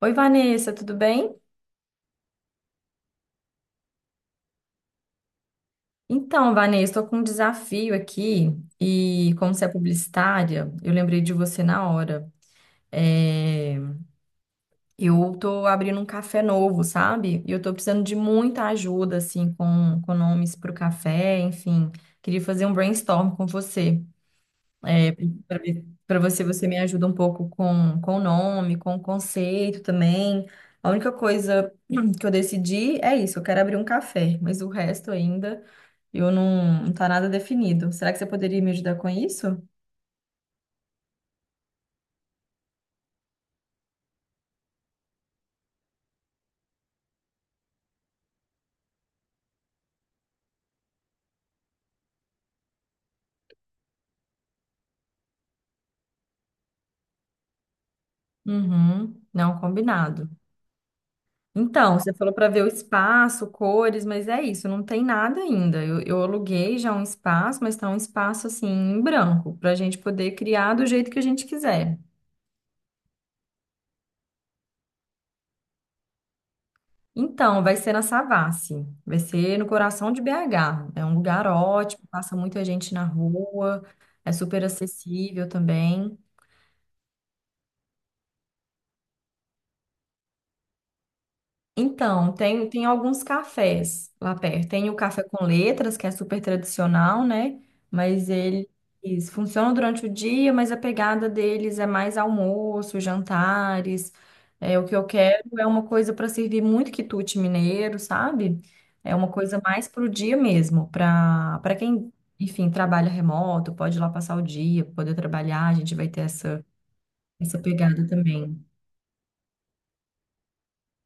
Oi, Vanessa, tudo bem? Então, Vanessa, estou com um desafio aqui e, como você é publicitária, eu lembrei de você na hora. É, eu estou abrindo um café novo, sabe? E eu estou precisando de muita ajuda, assim, com nomes para o café, enfim. Queria fazer um brainstorm com você. É, para você, você me ajuda um pouco com o nome, com o conceito também. A única coisa que eu decidi é isso, eu quero abrir um café, mas o resto ainda eu não tá nada definido. Será que você poderia me ajudar com isso? Uhum, não, combinado. Então, você falou para ver o espaço, cores, mas é isso, não tem nada ainda. Eu aluguei já um espaço, mas tá um espaço assim em branco, para a gente poder criar do jeito que a gente quiser. Então, vai ser na Savassi, vai ser no coração de BH. É um lugar ótimo, passa muita gente na rua, é super acessível também. Então, tem alguns cafés lá perto. Tem o café com letras, que é super tradicional, né? Mas eles funcionam durante o dia, mas a pegada deles é mais almoço, jantares. É, o que eu quero é uma coisa para servir muito quitute mineiro, sabe? É uma coisa mais para o dia mesmo, para quem, enfim, trabalha remoto, pode ir lá passar o dia, poder trabalhar, a gente vai ter essa, essa pegada também.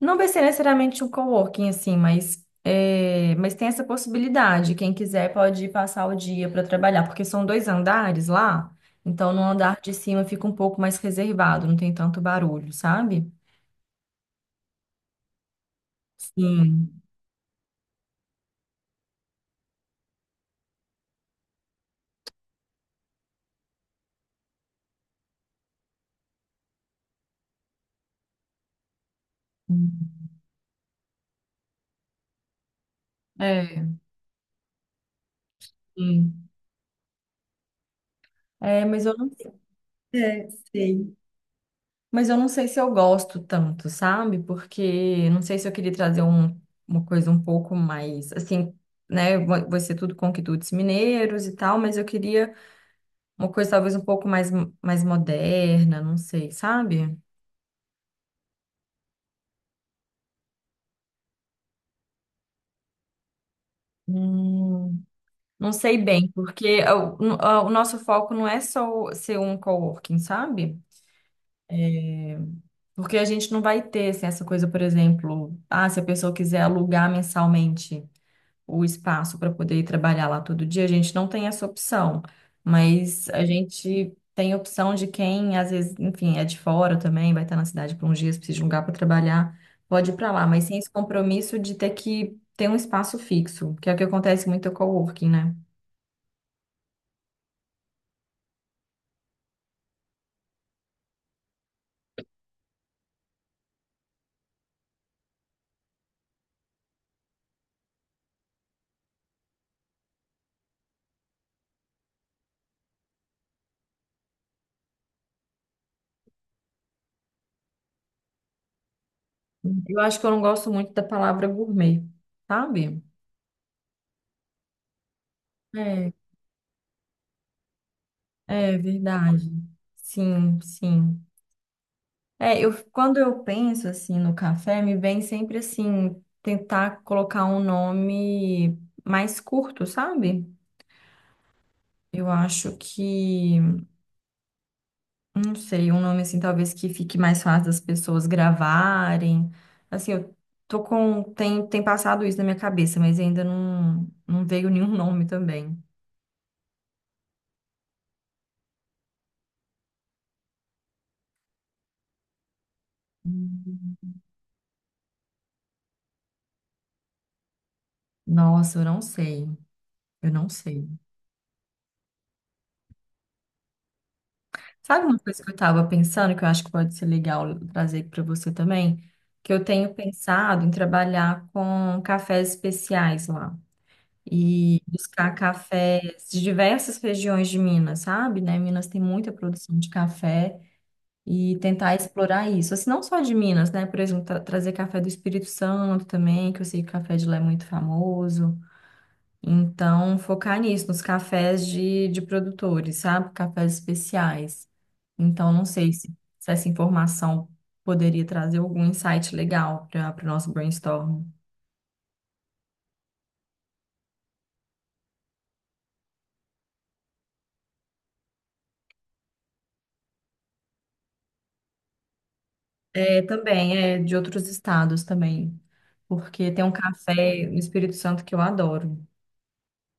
Não vai ser necessariamente um coworking, assim, mas, mas tem essa possibilidade. Quem quiser pode ir passar o dia para trabalhar, porque são dois andares lá, então no andar de cima fica um pouco mais reservado, não tem tanto barulho, sabe? Sim. É, sim. É, mas eu não É, sei. Mas eu não sei se eu gosto tanto, sabe? Porque não sei se eu queria trazer uma coisa um pouco mais, assim, né? Vai ser tudo conquitutes mineiros e tal, mas eu queria uma coisa talvez um pouco mais, mais moderna, não sei, sabe? Hum, não sei bem, porque é o nosso foco não é só ser um coworking, sabe? Porque a gente não vai ter assim, essa coisa, por exemplo, ah, se a pessoa quiser alugar mensalmente o espaço para poder ir trabalhar lá todo dia, a gente não tem essa opção, mas a gente tem opção de quem, às vezes, enfim, é de fora também, vai estar na cidade por uns dias, precisa de um lugar para trabalhar, pode ir para lá, mas sem esse compromisso de ter que ter um espaço fixo, que é o que acontece muito com o coworking, né? Eu acho que eu não gosto muito da palavra gourmet, sabe? É, é verdade. Sim, sim. Quando eu penso assim no café, me vem sempre assim tentar colocar um nome mais curto, sabe? Eu acho que, não sei, um nome assim talvez que fique mais fácil das pessoas gravarem. Assim, eu tô com tem tem passado isso na minha cabeça, mas ainda não veio nenhum nome também. Hum. Nossa, eu não sei. Eu não sei. Sabe uma coisa que eu estava pensando, que eu acho que pode ser legal trazer para você também? Que eu tenho pensado em trabalhar com cafés especiais lá e buscar cafés de diversas regiões de Minas, sabe? Né? Minas tem muita produção de café e tentar explorar isso. Assim, não só de Minas, né? Por exemplo, trazer café do Espírito Santo também, que eu sei que o café de lá é muito famoso. Então, focar nisso, nos cafés de produtores, sabe? Cafés especiais. Então, não sei se essa informação poderia trazer algum insight legal para o nosso brainstorm. É, também é de outros estados também, porque tem um café no Espírito Santo que eu adoro.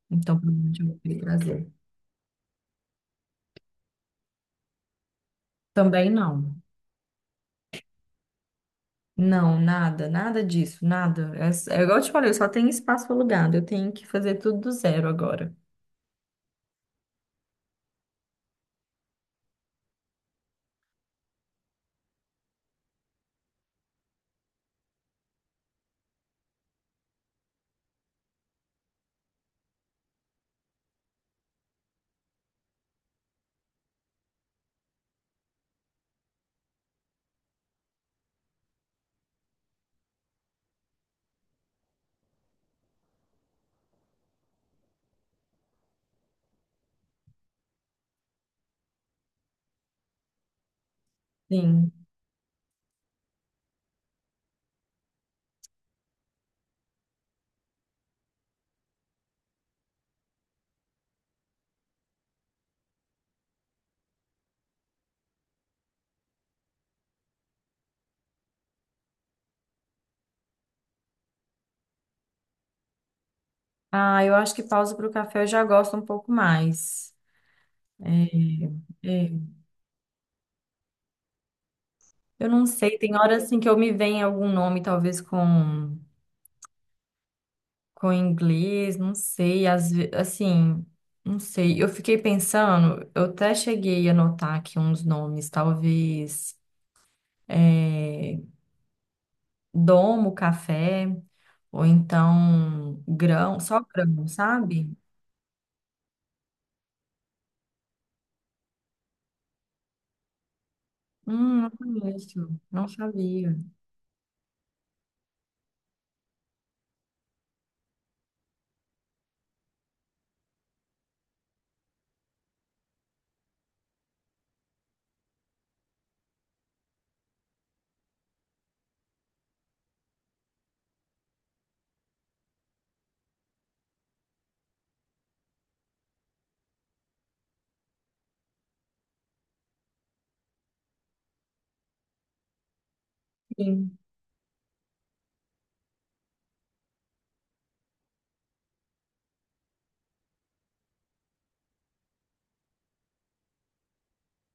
Então, provavelmente eu vou querer trazer. Também não. Não, nada disso, nada. É, é igual eu te falei, eu só tenho espaço alugado, eu tenho que fazer tudo do zero agora. Sim. Ah, eu acho que pausa para o café eu já gosto um pouco mais. É, é. Eu não sei, tem horas assim que eu me vem algum nome, talvez com inglês, não sei, assim, não sei. Eu fiquei pensando, eu até cheguei a anotar aqui uns nomes, talvez é, domo café, ou então grão, só grão, sabe? Não conheço, não sabia. Sim,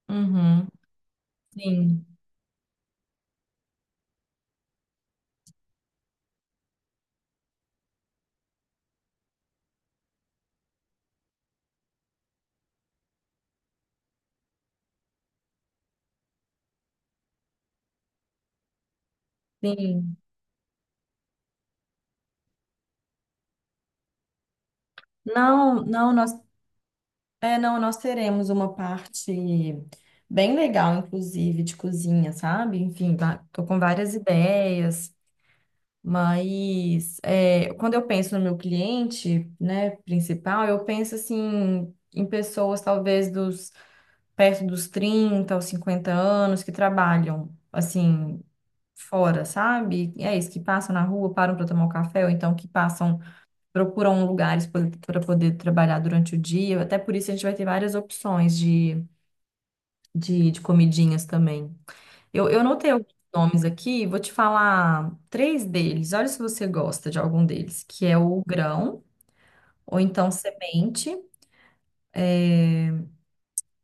uhum, sim. Sim. Não, nós teremos uma parte bem legal, inclusive, de cozinha, sabe? Enfim, tô com várias ideias, mas é, quando eu penso no meu cliente, né, principal, eu penso assim em pessoas talvez dos perto dos 30 aos 50 anos que trabalham assim fora, sabe? É isso, que passam na rua, param para tomar um café, ou então que passam procuram um lugar para poder trabalhar durante o dia. Até por isso a gente vai ter várias opções de comidinhas também. Eu anotei alguns nomes aqui, vou te falar três deles. Olha se você gosta de algum deles, que é o grão, ou então semente,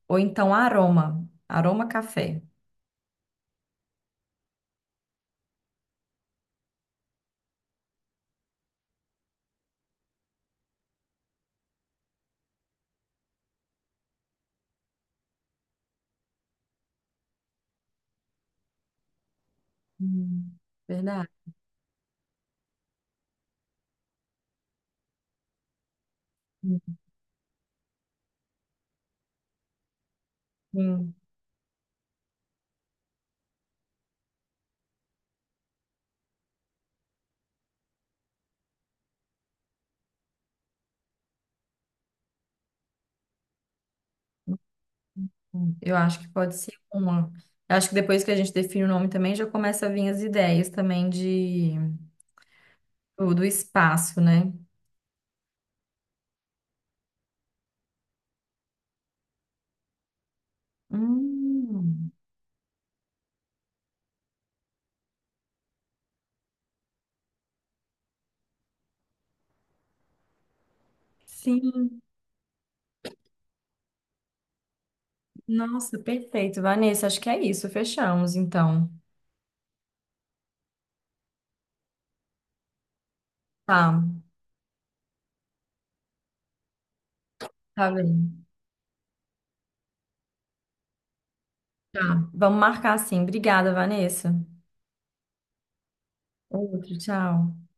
ou então aroma, aroma café. Hum, verdade. Hum, Eu acho que pode ser uma. Eu acho que depois que a gente define o nome também, já começa a vir as ideias também de do espaço, né? Hum, sim, nossa, perfeito, Vanessa. Acho que é isso. Fechamos, então. Tá, tá bem. Tá. Vamos marcar sim. Obrigada, Vanessa. Outro, tchau.